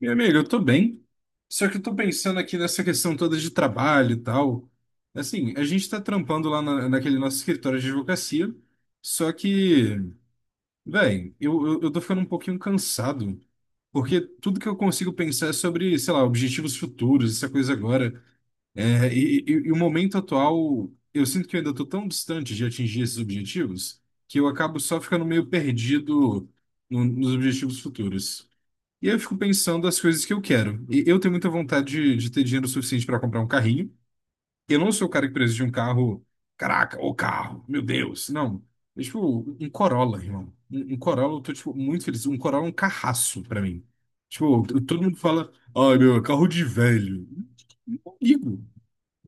Meu amigo, eu tô bem. Só que eu tô pensando aqui nessa questão toda de trabalho e tal. Assim, a gente tá trampando naquele nosso escritório de advocacia. Só que, velho, eu tô ficando um pouquinho cansado. Porque tudo que eu consigo pensar é sobre, sei lá, objetivos futuros, essa coisa agora. E o momento atual, eu sinto que eu ainda tô tão distante de atingir esses objetivos que eu acabo só ficando meio perdido nos objetivos futuros. E aí eu fico pensando as coisas que eu quero. E eu tenho muita vontade de ter dinheiro suficiente para comprar um carrinho. Eu não sou o cara que precisa de um carro. Caraca, o carro, meu Deus. Não. É tipo, um Corolla, irmão. Um Corolla, eu tô, tipo, muito feliz. Um Corolla é um carraço pra mim. Tipo, todo mundo fala, ai, meu, é carro de velho. Não ligo.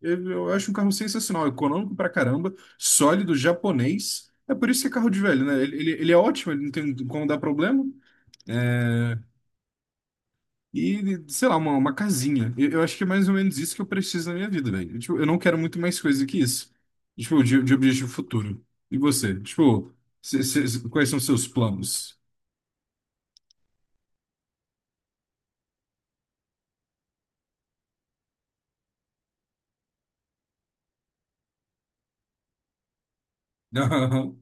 Eu acho um carro sensacional, econômico pra caramba, sólido, japonês. É por isso que é carro de velho, né? Ele é ótimo, ele não tem como dar problema. E, sei lá, uma casinha. Eu acho que é mais ou menos isso que eu preciso na minha vida, velho. Tipo, eu não quero muito mais coisa que isso. Tipo, de objetivo futuro. E você? Tipo, quais são os seus planos? Aham.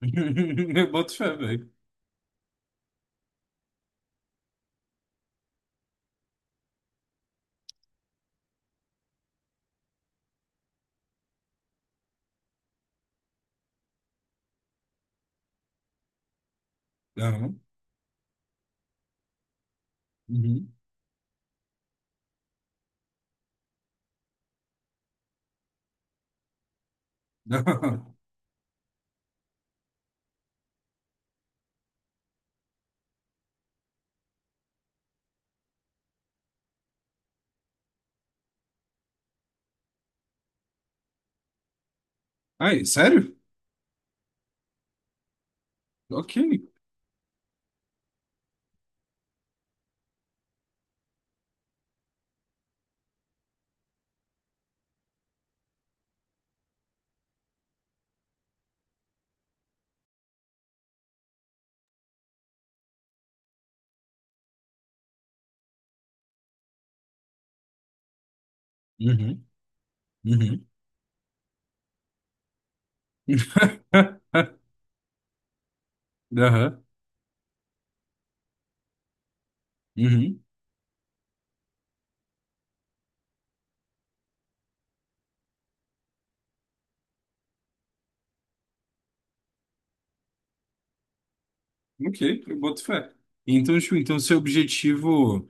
Eu boto fé, velho. Aham. Uhum. Aham. Ai, sério? Ok. Uhum. Uhum. Aham. Uhum. Ok, eu boto fé. Então, tipo, então seu objetivo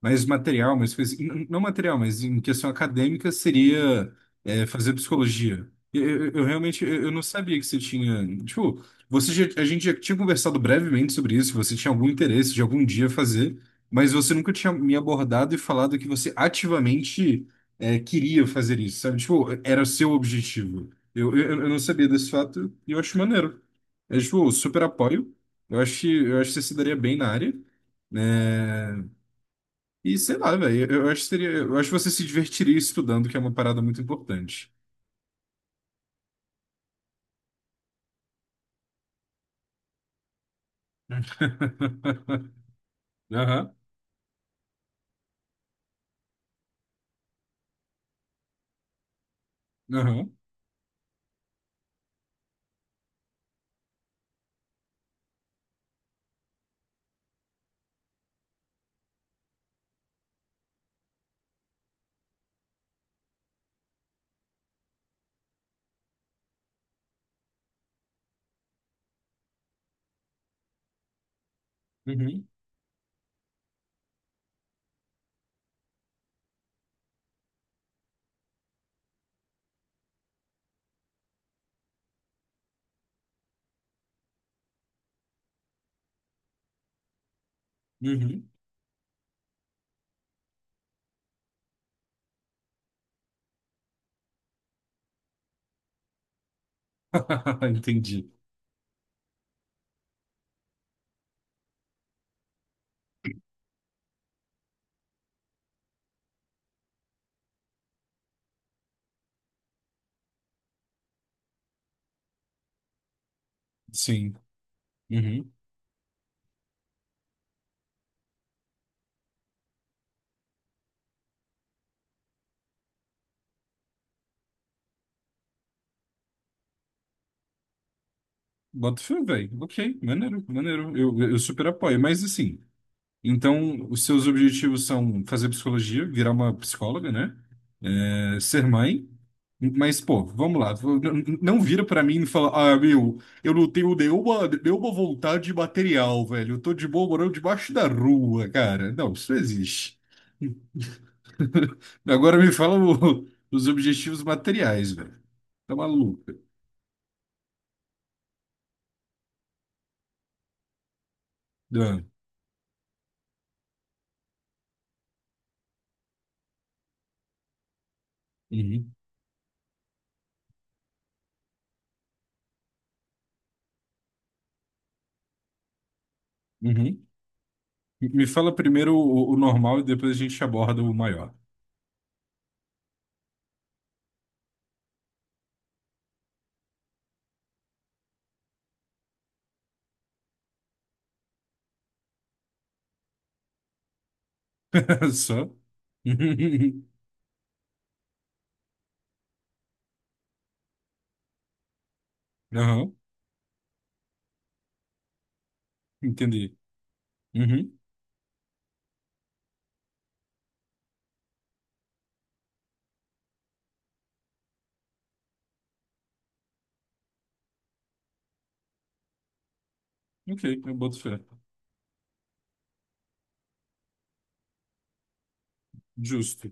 mais material, mais coisa, não material, mas em questão acadêmica seria fazer psicologia. Eu realmente eu não sabia que você tinha, tipo, a gente já tinha conversado brevemente sobre isso, que você tinha algum interesse de algum dia fazer, mas você nunca tinha me abordado e falado que você ativamente queria fazer isso, sabe? Tipo, era o seu objetivo. Eu não sabia desse fato e eu acho maneiro. É, tipo, super apoio. Eu acho que você se daria bem na área, né? E sei lá, velho, eu acho que seria, eu acho que você se divertiria estudando, que é uma parada muito importante. Aham, aham, uhum, uhum. Entendi. Sim. Uhum. Bota fé, velho. Ok, maneiro, maneiro. Eu super apoio. Mas assim, então, os seus objetivos são fazer psicologia, virar uma psicóloga, né? É, ser mãe. Mas, pô, vamos lá. Não vira pra mim e fala, ah, meu, eu não tenho nenhuma vontade material, velho. Eu tô de boa morando debaixo da rua, cara. Não, isso não existe. Agora me fala os objetivos materiais, velho. Tá maluco. Ah, uhum, uhum. Me fala primeiro o normal e depois a gente aborda o maior. Só. Aham, entendi. Uhum, ok, eu boto fé. Justo.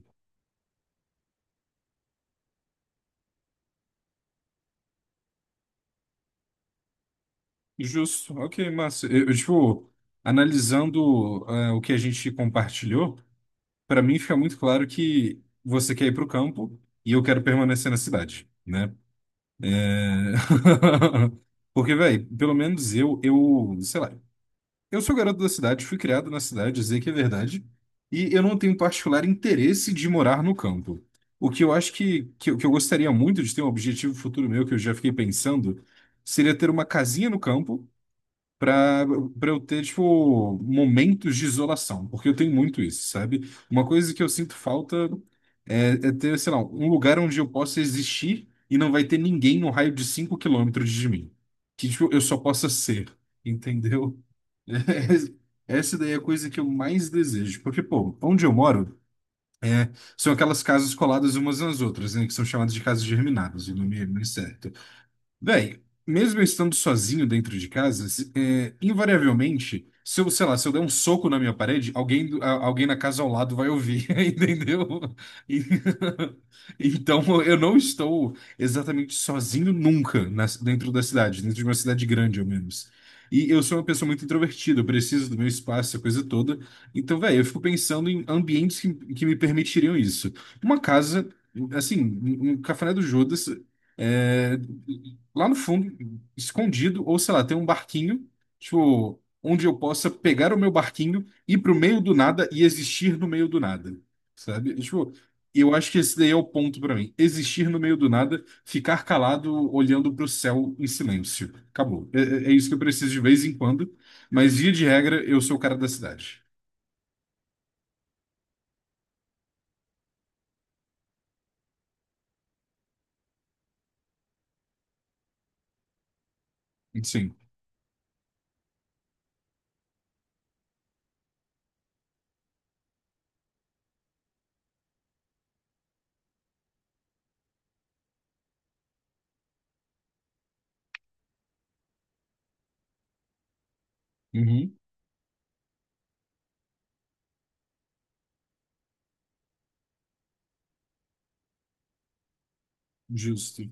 Justo. Ok, massa. Tipo, analisando o que a gente compartilhou, para mim fica muito claro que você quer ir pro campo e eu quero permanecer na cidade, né? Porque, velho, pelo menos sei lá, eu sou garoto da cidade, fui criado na cidade, dizer que é verdade, e eu não tenho particular interesse de morar no campo. O que eu acho que eu gostaria muito de ter um objetivo futuro meu, que eu já fiquei pensando, seria ter uma casinha no campo para para eu ter, tipo, momentos de isolação, porque eu tenho muito isso, sabe? Uma coisa que eu sinto falta é, é ter, sei lá, um lugar onde eu possa existir e não vai ter ninguém no raio de 5 km de mim. Que, tipo, eu só possa ser, entendeu? Essa daí é a coisa que eu mais desejo, porque, pô, onde eu moro é, são aquelas casas coladas umas nas outras, né, que são chamadas de casas germinadas, o nome é muito certo. Daí, mesmo eu estando sozinho dentro de casa, invariavelmente, se eu, sei lá, se eu der um soco na minha parede, alguém, alguém na casa ao lado vai ouvir, entendeu? E- Então, eu não estou exatamente sozinho nunca dentro da cidade, dentro de uma cidade grande, ao menos. E eu sou uma pessoa muito introvertida, eu preciso do meu espaço, a coisa toda. Então, velho, eu fico pensando em ambientes que me permitiriam isso. Uma casa, assim, um cafuné do Judas. É, lá no fundo, escondido, ou sei lá, tem um barquinho, tipo, onde eu possa pegar o meu barquinho, ir pro meio do nada e existir no meio do nada, sabe? Tipo, eu acho que esse daí é o ponto pra mim. Existir no meio do nada, ficar calado, olhando pro céu em silêncio. Acabou. É isso que eu preciso de vez em quando, mas via de regra, eu sou o cara da cidade. Sim. Uhum. Justo.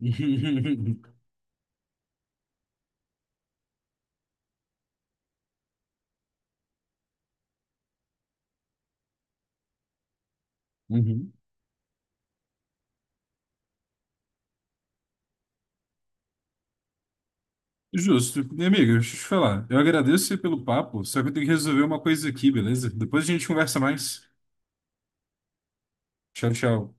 Uhum. Justo. Minha amiga, deixa eu te falar. Eu agradeço você pelo papo, só que eu tenho que resolver uma coisa aqui, beleza? Depois a gente conversa mais. Tchau, tchau.